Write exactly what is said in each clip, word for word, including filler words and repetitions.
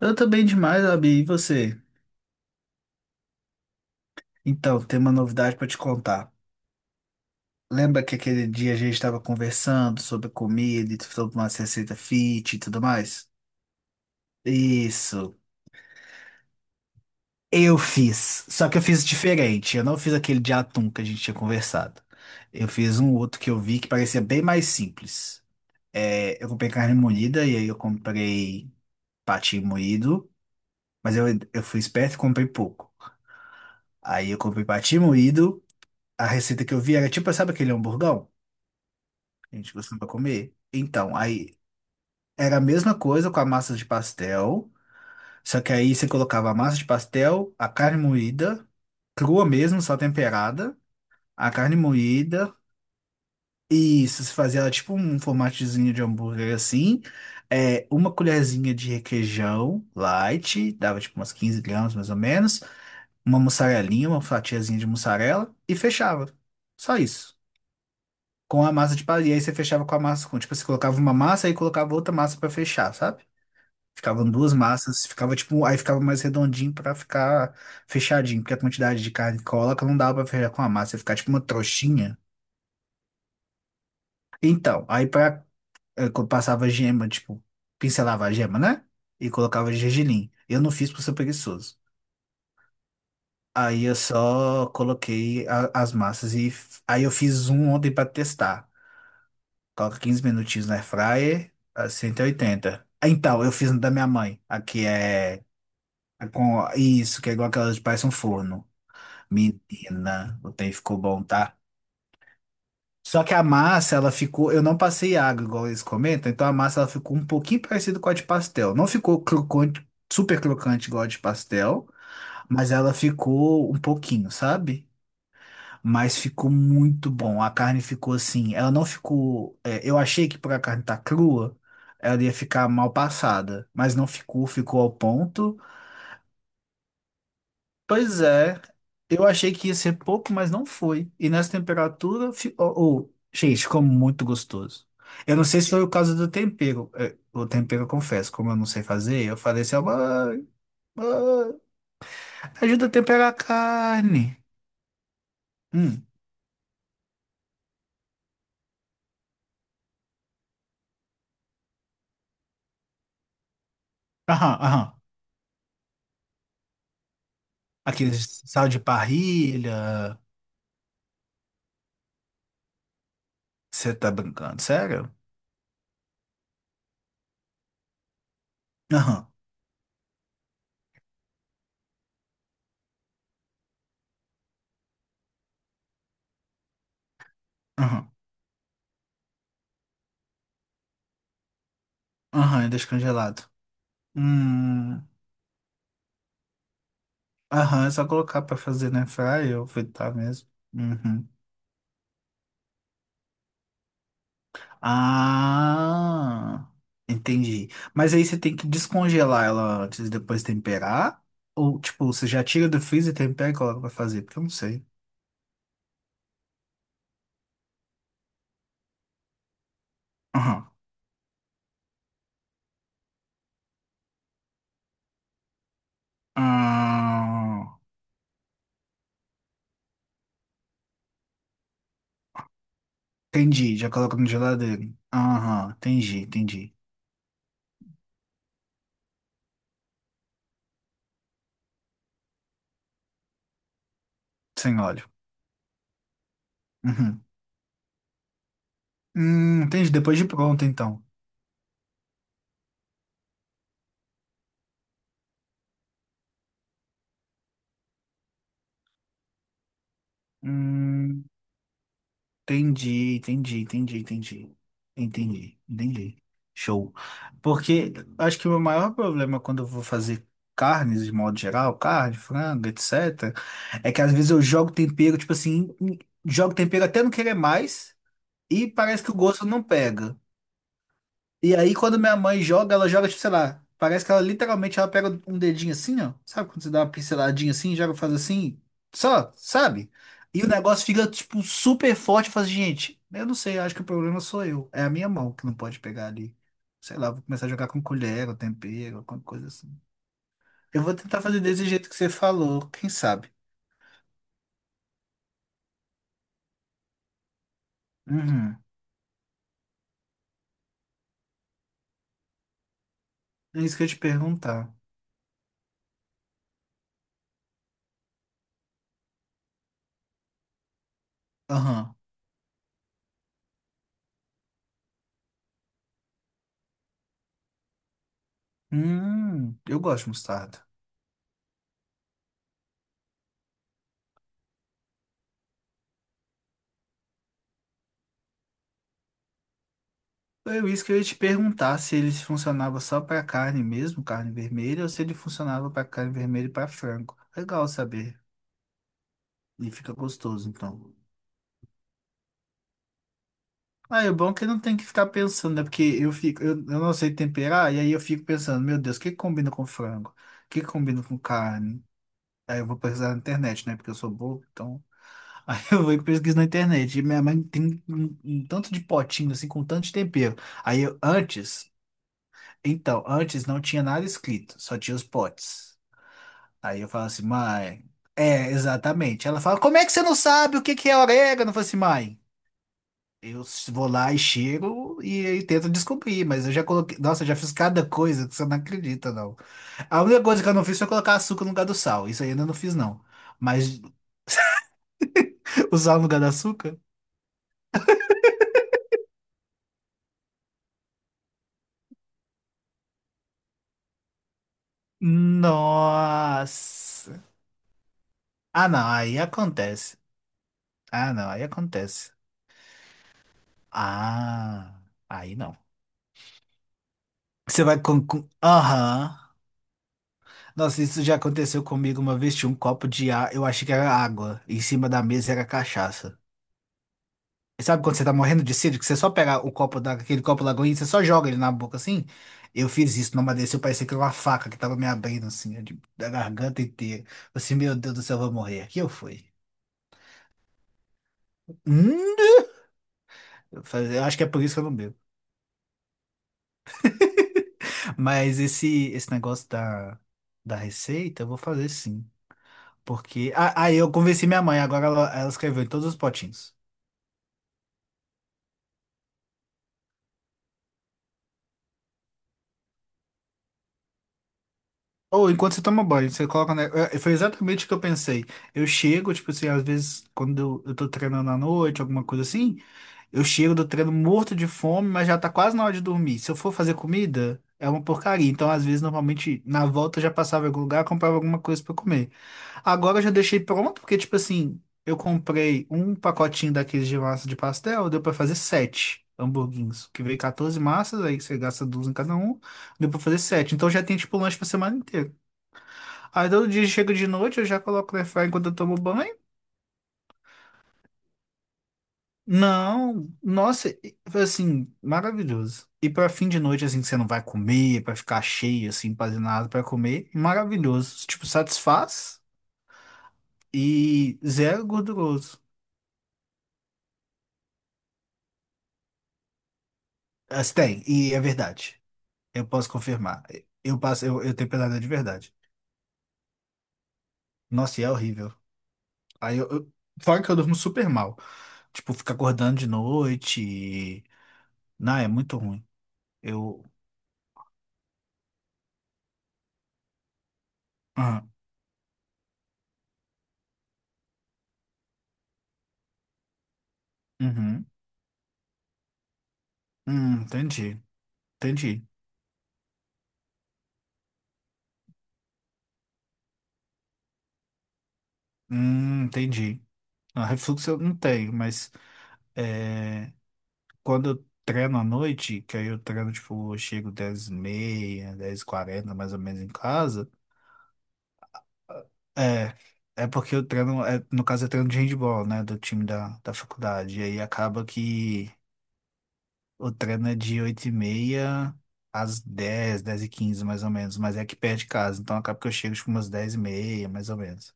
Eu tô bem demais, Abi. E você? Então, tem uma novidade pra te contar. Lembra que aquele dia a gente estava conversando sobre comida e sobre uma receita fit e tudo mais? Isso. Eu fiz. Só que eu fiz diferente. Eu não fiz aquele de atum que a gente tinha conversado. Eu fiz um outro que eu vi que parecia bem mais simples. É, eu comprei carne moída e aí eu comprei patinho moído. Mas eu, eu fui esperto e comprei pouco. Aí eu comprei patinho moído. A receita que eu vi era tipo, sabe aquele hamburgão? A gente costuma comer. Então, aí era a mesma coisa com a massa de pastel, só que aí você colocava a massa de pastel, a carne moída, crua mesmo, só temperada, a carne moída, e isso, você fazia ela tipo um formatezinho de hambúrguer assim, é, uma colherzinha de requeijão light, dava tipo umas quinze gramas mais ou menos, uma mussarelinha, uma fatiazinha de mussarela, e fechava. Só isso. Com a massa de palha. E aí você fechava com a massa, com, tipo, você colocava uma massa e colocava outra massa pra fechar, sabe? Ficavam duas massas, ficava tipo, aí ficava mais redondinho pra ficar fechadinho, porque a quantidade de carne que coloca não dava pra fechar com a massa, ia ficar tipo uma trouxinha. Então, aí pra, eh, quando passava gema, tipo, pincelava a gema, né? E colocava gergelim. Eu não fiz por ser preguiçoso. Aí eu só coloquei a- as massas e f- aí eu fiz um ontem pra testar. Coloca quinze minutinhos na air fryer a cento e oitenta. Ah, então, eu fiz um da minha mãe. Aqui é é com isso, que é igual aquelas de parece um forno. Menina, o trem ficou bom, tá? Só que a massa, ela ficou. Eu não passei água, igual eles comentam, então a massa ela ficou um pouquinho parecida com a de pastel. Não ficou crocante, super crocante igual a de pastel, mas ela ficou um pouquinho, sabe? Mas ficou muito bom. A carne ficou assim. Ela não ficou. É, eu achei que por a carne estar crua, ela ia ficar mal passada. Mas não ficou, ficou ao ponto. Pois é, eu achei que ia ser pouco, mas não foi. E nessa temperatura, fi- ô, ô, gente, ficou muito gostoso. Eu não sei se foi o caso do tempero. É, o tempero, eu confesso, como eu não sei fazer, eu falei assim: "Ó, mãe, mãe, ajuda a temperar a carne." Hum, aham, aham. Aquele sal de parrilha. Você tá brincando? Sério? Aham, aham, aham, é descongelado. Hum, aham, é só colocar pra fazer na fry ou fritar mesmo. Uhum. Ah, entendi. Mas aí você tem que descongelar ela antes e depois temperar? Ou, tipo, você já tira do freezer, tempera e coloca pra fazer? Porque eu não sei. Aham. Ah, entendi, já coloca na geladeira. Aham, entendi, entendi. Sem óleo. Uhum. Hum, entendi, depois de pronto, então. Hum, Entendi, entendi, entendi, entendi. Entendi, entendi. Show. Porque acho que o meu maior problema quando eu vou fazer carnes de modo geral, carne, frango, et cetera, é que às vezes eu jogo tempero, tipo assim, em- jogo tempero até não querer mais e parece que o gosto não pega. E aí, quando minha mãe joga, ela joga, tipo, sei lá, parece que ela literalmente ela pega um dedinho assim, ó. Sabe quando você dá uma pinceladinha assim, joga, faz assim, só, sabe? E o negócio fica, tipo, super forte. Faz, gente, eu não sei, acho que o problema sou eu. É a minha mão que não pode pegar ali. Sei lá, vou começar a jogar com colher, ou tempero, alguma coisa assim. Eu vou tentar fazer desse jeito que você falou, quem sabe? Uhum. É isso que eu ia te perguntar. Aham. Hum, eu gosto de mostarda. Foi isso que eu ia te perguntar se ele funcionava só para carne mesmo, carne vermelha, ou se ele funcionava para carne vermelha e para frango. Legal saber. E fica gostoso, então. Ah, é bom é que não tem que ficar pensando, né? Porque eu fico, eu, eu não sei temperar, e aí eu fico pensando, meu Deus, o que que combina com frango? O que que combina com carne? Aí eu vou pesquisar na internet, né? Porque eu sou bobo, então. Aí eu vou e pesquiso na internet. E minha mãe tem um, um um tanto de potinho, assim, com tanto de tempero. Aí eu, antes. Então, antes não tinha nada escrito, só tinha os potes. Aí eu falo assim, mãe. É, exatamente. Ela fala, como é que você não sabe o que que é orégano? Eu falo assim, mãe. Eu vou lá e cheiro e, e tento descobrir, mas eu já coloquei. Nossa, eu já fiz cada coisa que você não acredita, não. A única coisa que eu não fiz foi colocar açúcar no lugar do sal. Isso aí eu ainda não fiz, não. Mas o sal no lugar do açúcar? Nossa. Ah, não, aí acontece. Ah, não, aí acontece. Ah, aí não. Você vai. com... com- Aham. Nossa, isso já aconteceu comigo uma vez. Tinha um copo de ar, eu achei que era água. Em cima da mesa era cachaça. E sabe quando você tá morrendo de sede, que você só pega o copo da, aquele copo lagoinha e você só joga ele na boca assim? Eu fiz isso, não desceu, parecia que era uma faca que tava me abrindo assim, de- da garganta inteira. Eu Assim, meu Deus do céu, eu vou morrer. Aqui eu fui. Hum? Eu falei, eu acho que é por isso que eu não bebo. Mas esse, esse negócio da, da receita, eu vou fazer sim. Porque. Ah, ah, eu convenci minha mãe, agora ela, ela escreveu em todos os potinhos. Ou enquanto você toma banho, você coloca. Né? Eh, Foi exatamente o que eu pensei. Eu chego, tipo assim, às vezes, quando eu, eu tô treinando à noite, alguma coisa assim, eu chego do treino morto de fome, mas já tá quase na hora de dormir. Se eu for fazer comida, é uma porcaria. Então, às vezes, normalmente, na volta eu já passava em algum lugar, comprava alguma coisa pra comer. Agora eu já deixei pronto, porque, tipo assim, eu comprei um pacotinho daqueles de massa de pastel, deu pra fazer sete hamburguinhos, que veio quatorze massas, aí você gasta duas em cada um, deu pra fazer sete. Então já tem, tipo, um lanche pra semana inteira. Aí todo dia chega de noite, eu já coloco no airfryer enquanto eu tomo banho. Não, nossa, e- foi assim, maravilhoso. E pra fim de noite, assim, que você não vai comer, pra ficar cheio, assim, fazer nada pra comer, maravilhoso. Tipo, satisfaz e zero gorduroso. Assim, tem, e é verdade. Eu posso confirmar. Eu passo, eu, eu tenho pesadelo de verdade. Nossa, e é horrível. Aí eu, eu- fora que eu durmo super mal. Tipo, ficar acordando de noite. e- Não, é muito ruim. Eu. Ah, uhum. Hum, entendi. Entendi. Hum, entendi. Ah, refluxo eu não tenho, mas é, quando eu treino à noite, que aí eu treino, tipo, eu chego dez e meia, dez e quarenta, mais ou menos em casa. É, é porque eu treino, é, no caso eu treino de handball, né, do time da, da faculdade, e aí acaba que o treino é de oito e meia às dez, dez e quinze, mais ou menos, mas é que perto de casa, então acaba que eu chego tipo umas dez e meia, mais ou menos.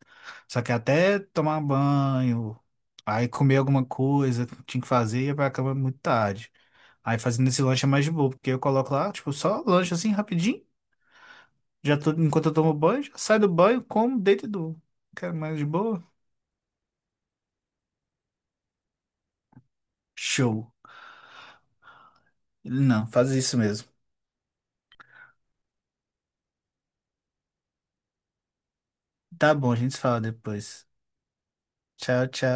Só que até tomar um banho, aí comer alguma coisa que tinha que fazer, ia pra cama muito tarde. Aí fazendo esse lanche é mais de boa, porque eu coloco lá, tipo, só lanche assim rapidinho, já tô, enquanto eu tomo banho, já saio do banho, como, deito e durmo. Quero mais de boa. Show. Ele, Não, faz isso mesmo. Tá bom, a gente se fala depois. Tchau, tchau.